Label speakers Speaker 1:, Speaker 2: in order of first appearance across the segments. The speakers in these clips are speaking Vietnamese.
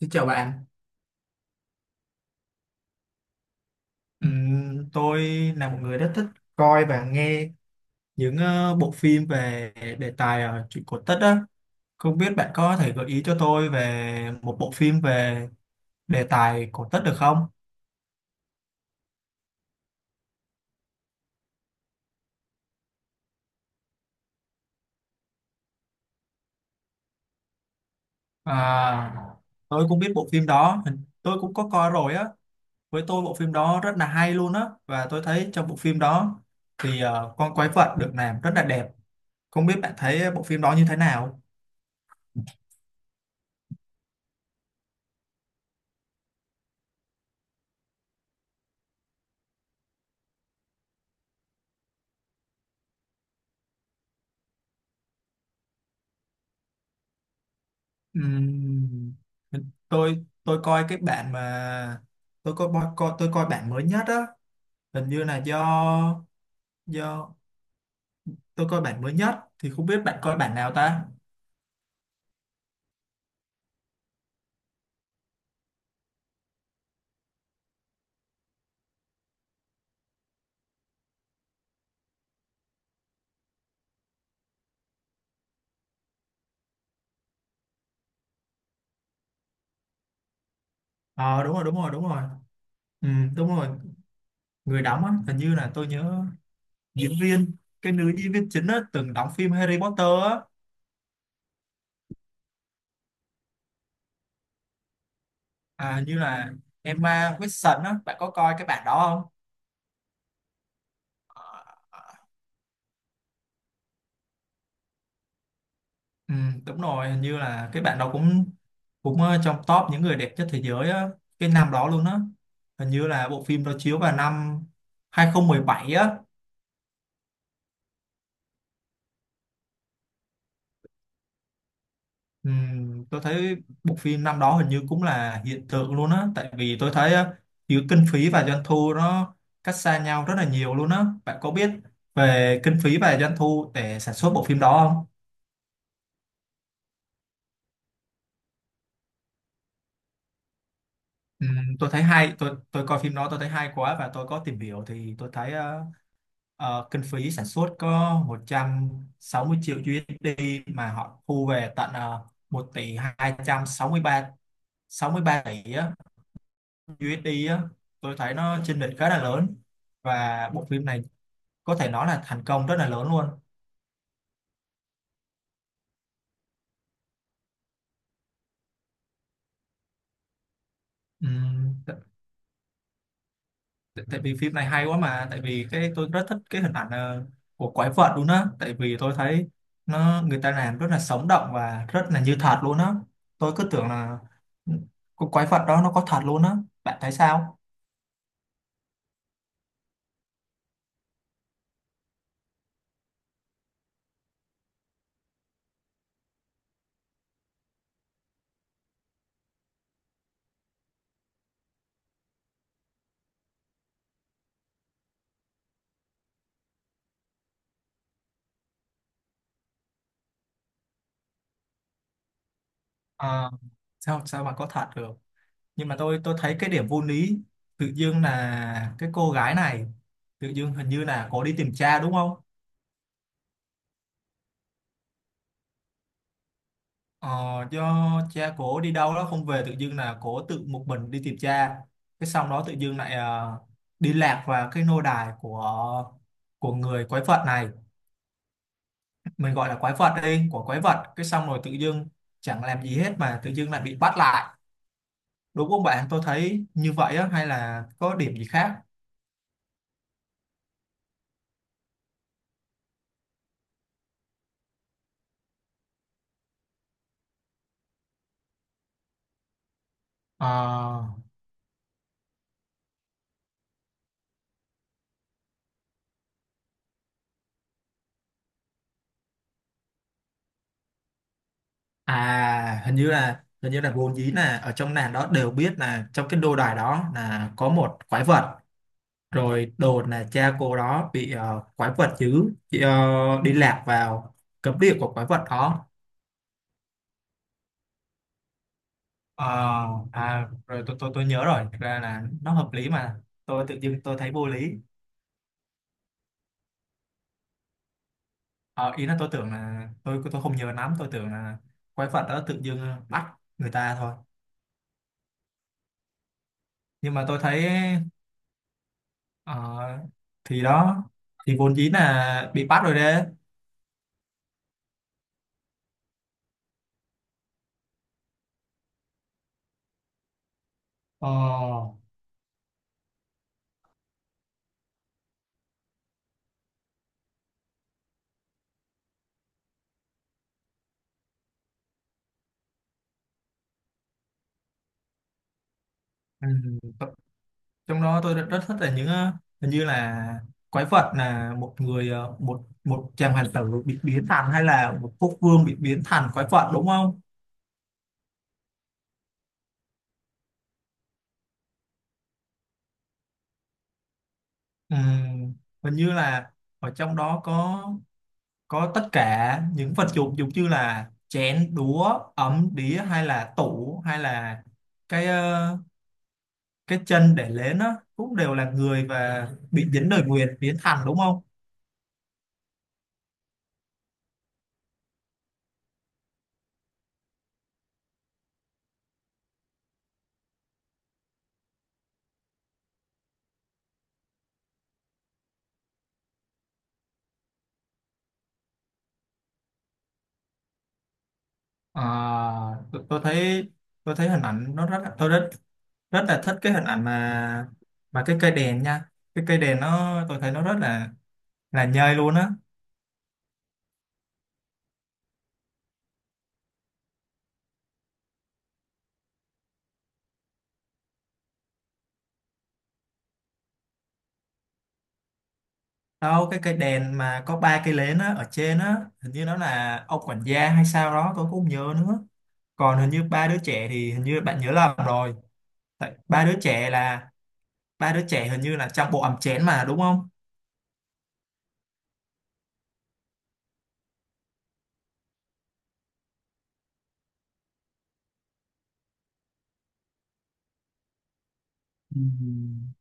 Speaker 1: Xin chào bạn. Tôi là một người rất thích coi và nghe những bộ phim về đề tài chuyện cổ tích á. Không biết bạn có thể gợi ý cho tôi về một bộ phim về đề tài cổ tích được không? À, tôi cũng biết bộ phim đó, tôi cũng có coi rồi á. Với tôi bộ phim đó rất là hay luôn á, và tôi thấy trong bộ phim đó thì con quái vật được làm rất là đẹp. Không biết bạn thấy bộ phim đó như thế nào? Ừm, tôi coi cái bản mà tôi coi, tôi coi bản mới nhất á, hình như là do tôi coi bản mới nhất, thì không biết bạn coi bản nào ta. Ờ, đúng rồi, đúng rồi, đúng rồi. Ừ, đúng rồi, người đóng á hình như là tôi nhớ diễn viên, cái nữ diễn viên chính á từng đóng phim Harry Potter á. À, hình như là Emma Watson á, bạn có coi cái bản đó không? Ừ, đúng rồi, hình như là cái bạn đó cũng cũng trong top những người đẹp nhất thế giới á, cái năm đó luôn á. Hình như là bộ phim đó chiếu vào năm 2017 á. Ừ, tôi thấy bộ phim năm đó hình như cũng là hiện tượng luôn á, tại vì tôi thấy giữa kinh phí và doanh thu nó cách xa nhau rất là nhiều luôn á. Bạn có biết về kinh phí và doanh thu để sản xuất bộ phim đó không? Ừ, tôi thấy hay, tôi coi phim đó tôi thấy hay quá, và tôi có tìm hiểu thì tôi thấy kinh phí sản xuất có 160 triệu USD mà họ thu về tận 1 tỷ 263 tỷ á, USD á. Tôi thấy nó chênh lệch khá là lớn, và bộ phim này có thể nói là thành công rất là lớn luôn. Ừ, tại tại vì phim này hay quá, mà tại vì cái tôi rất thích cái hình ảnh của quái vật luôn á, tại vì tôi thấy nó người ta làm rất là sống động và rất là như thật luôn á. Tôi cứ tưởng là con quái vật đó nó có thật luôn á. Bạn thấy sao? Ờ, sao sao mà có thật được, nhưng mà tôi thấy cái điểm vô lý, tự dưng là cái cô gái này tự dưng hình như là có đi tìm cha đúng không? Ờ, do cha cổ đi đâu đó không về, tự dưng là cổ tự một mình đi tìm cha, cái xong đó tự dưng lại đi lạc vào cái nô đài của người quái vật này, mình gọi là quái vật đi, của quái vật, cái xong rồi tự dưng chẳng làm gì hết mà tự dưng lại bị bắt lại, đúng không bạn? Tôi thấy như vậy á, hay là có điểm gì khác? Ờ, à, hình như là vốn dĩ là ở trong làng đó đều biết là trong cái nô đài đó là có một quái vật, rồi đồn là cha cô đó bị quái vật dữ chị, đi lạc vào cấm địa của quái vật đó. Ờ, à, rồi tôi nhớ rồi, thực ra là nó hợp lý mà tôi tự dưng tôi thấy vô lý. Ờ, ý là tôi tưởng là tôi không nhớ lắm, tôi tưởng là quái vật đó tự dưng bắt người ta thôi, nhưng mà tôi thấy ờ, thì đó, thì vốn dĩ là bị bắt rồi đấy. Ờ, ừ, trong đó tôi rất rất thích là những hình như là quái vật là một người một một chàng hoàng tử bị biến thành, hay là một quốc vương bị biến thành quái vật, đúng không? Ừm, Hình như là ở trong đó có tất cả những vật dụng giống như là chén đũa, ấm đĩa, hay là tủ, hay là cái cái chân để lên á, cũng đều là người và bị dính lời nguyền biến thành, đúng không? À, tôi thấy, tôi thấy hình ảnh nó rất, tôi rất rất là thích cái hình ảnh mà cái cây đèn nha, cái cây đèn nó tôi thấy nó rất là nhơi luôn á. Đâu, cái cây đèn mà có ba cây nến á ở trên á, hình như nó là ông quản gia hay sao đó, tôi cũng không nhớ nữa. Còn hình như ba đứa trẻ thì hình như bạn nhớ lầm rồi, tại ba đứa trẻ là ba đứa trẻ hình như là trong bộ ấm chén mà đúng không? Ừm,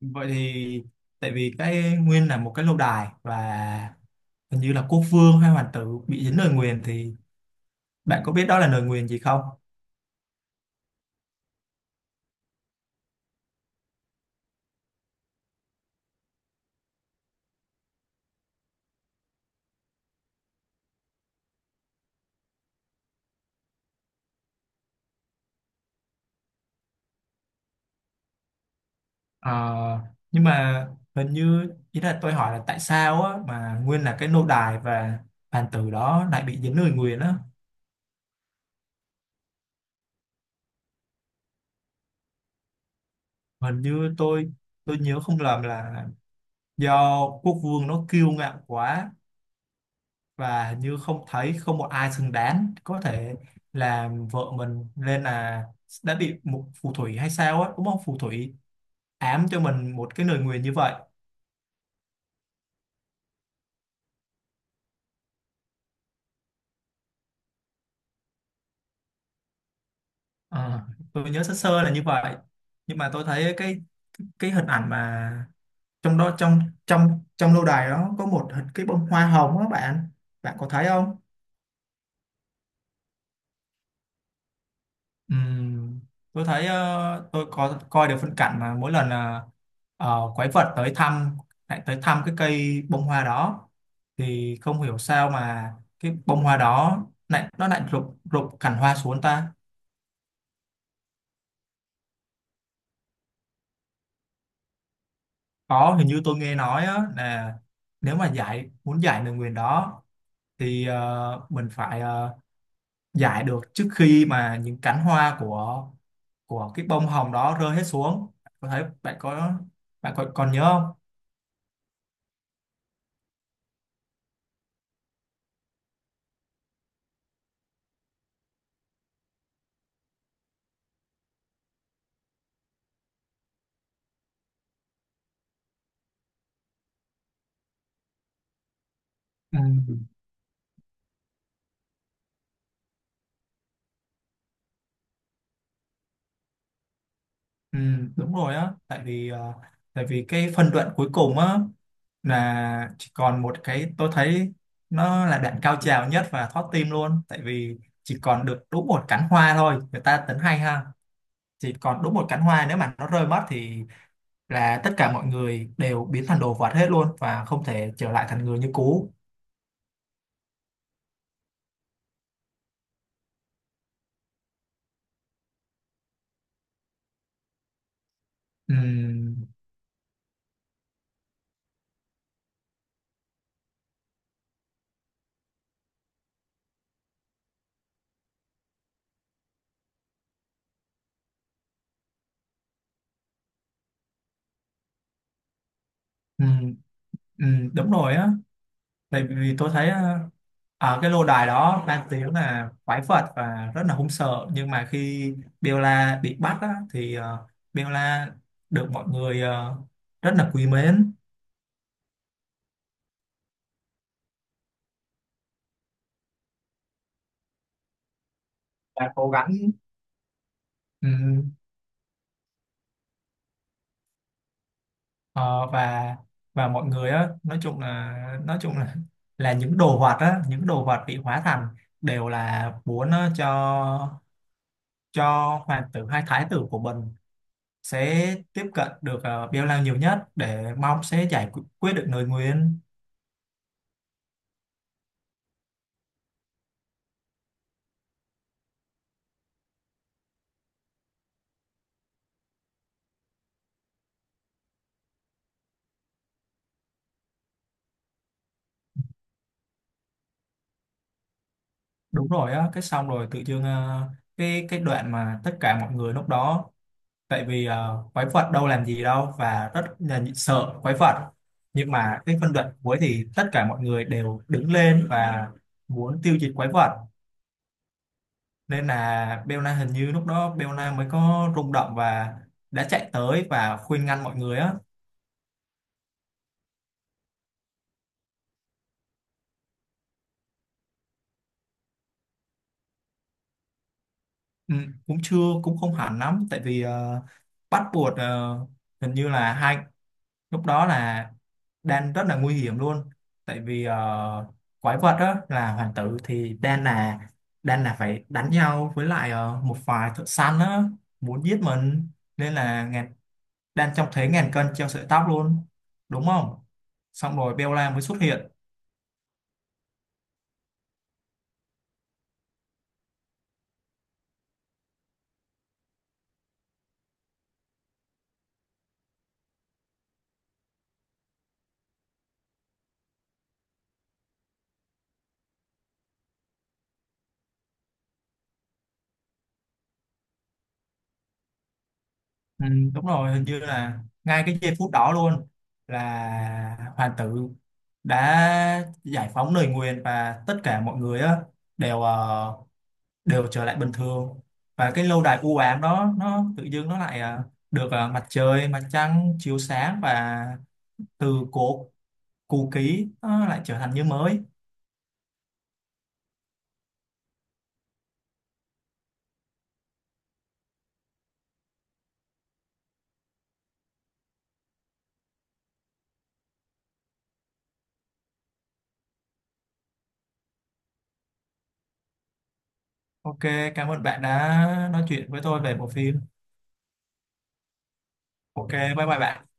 Speaker 1: Vậy thì tại vì cái nguyên là một cái lâu đài và hình như là quốc vương hay hoàng tử bị dính lời nguyền, thì bạn có biết đó là lời nguyền gì không? Ờ, nhưng mà hình như ý là tôi hỏi là tại sao á, mà nguyên là cái nô đài và bàn tử đó lại bị dính lời nguyền á. Hình như tôi nhớ không lầm là do quốc vương nó kiêu ngạo quá, và hình như không thấy không một ai xứng đáng có thể làm vợ mình, nên là đã bị một phù thủy hay sao á, đúng không, phù thủy ám cho mình một cái lời nguyền như vậy. Ờ, tôi nhớ sơ sơ là như vậy, nhưng mà tôi thấy cái hình ảnh mà trong đó, trong trong trong lâu đài đó có một cái bông hoa hồng á bạn, bạn có thấy không? Ừm, tôi thấy, tôi có coi được phân cảnh mà mỗi lần quái vật tới thăm, lại tới thăm cái cây bông hoa đó, thì không hiểu sao mà cái bông hoa đó lại nó lại rụng, rụng cành hoa xuống ta. Có, hình như tôi nghe nói á, là nếu mà giải, muốn giải lời nguyền đó thì mình phải giải được trước khi mà những cánh hoa của cái bông hồng đó rơi hết xuống. Có thấy bạn có, bạn còn còn nhớ không? Ừ. Ừ, đúng rồi á, tại vì tại vì cái phân đoạn cuối cùng á là chỉ còn một cái, tôi thấy nó là đoạn cao trào nhất và thót tim luôn, tại vì chỉ còn được đúng một cánh hoa thôi, người ta tính hay ha, chỉ còn đúng một cánh hoa, nếu mà nó rơi mất thì là tất cả mọi người đều biến thành đồ vật hết luôn và không thể trở lại thành người như cũ. Ừm, ừm, đúng rồi á, tại vì tôi thấy ở cái lô đài đó đang tiếng là quái vật và rất là hung sợ, nhưng mà khi Bella bị bắt á, thì Bella được mọi người rất là quý mến và cố gắng. ừm, ờ, và mọi người á, nói chung là là những đồ vật á, những đồ vật bị hóa thành đều là muốn cho hoàng tử hay thái tử của mình sẽ tiếp cận được, Bella nhiều nhất để mong sẽ giải quyết được lời nguyền. Đúng rồi á, cái xong rồi tự dưng cái đoạn mà tất cả mọi người lúc đó, tại vì quái vật đâu làm gì đâu và rất là sợ quái vật, nhưng mà cái phân đoạn cuối thì tất cả mọi người đều đứng lên và muốn tiêu diệt quái vật, nên là Belna, hình như lúc đó Belna mới có rung động và đã chạy tới và khuyên ngăn mọi người á. Ừ, cũng chưa, cũng không hẳn lắm, tại vì bắt buộc hình như là hai, lúc đó là Dan rất là nguy hiểm luôn, tại vì quái vật đó là hoàng tử, thì Dan là, Dan phải đánh nhau với lại một vài thợ săn đó muốn giết mình, nên là Dan trông thấy ngàn cân treo sợi tóc luôn, đúng không? Xong rồi Bella mới xuất hiện. Ừ, đúng rồi, hình như là ngay cái giây phút đó luôn là hoàng tử đã giải phóng lời nguyền, và tất cả mọi người á đều đều trở lại bình thường, và cái lâu đài u ám đó nó tự dưng nó lại à, được à, mặt trời mặt trăng chiếu sáng, và từ cổ cũ kỹ nó lại trở thành như mới. OK, cảm ơn bạn đã nói chuyện với tôi về bộ phim. OK, bye bye bạn.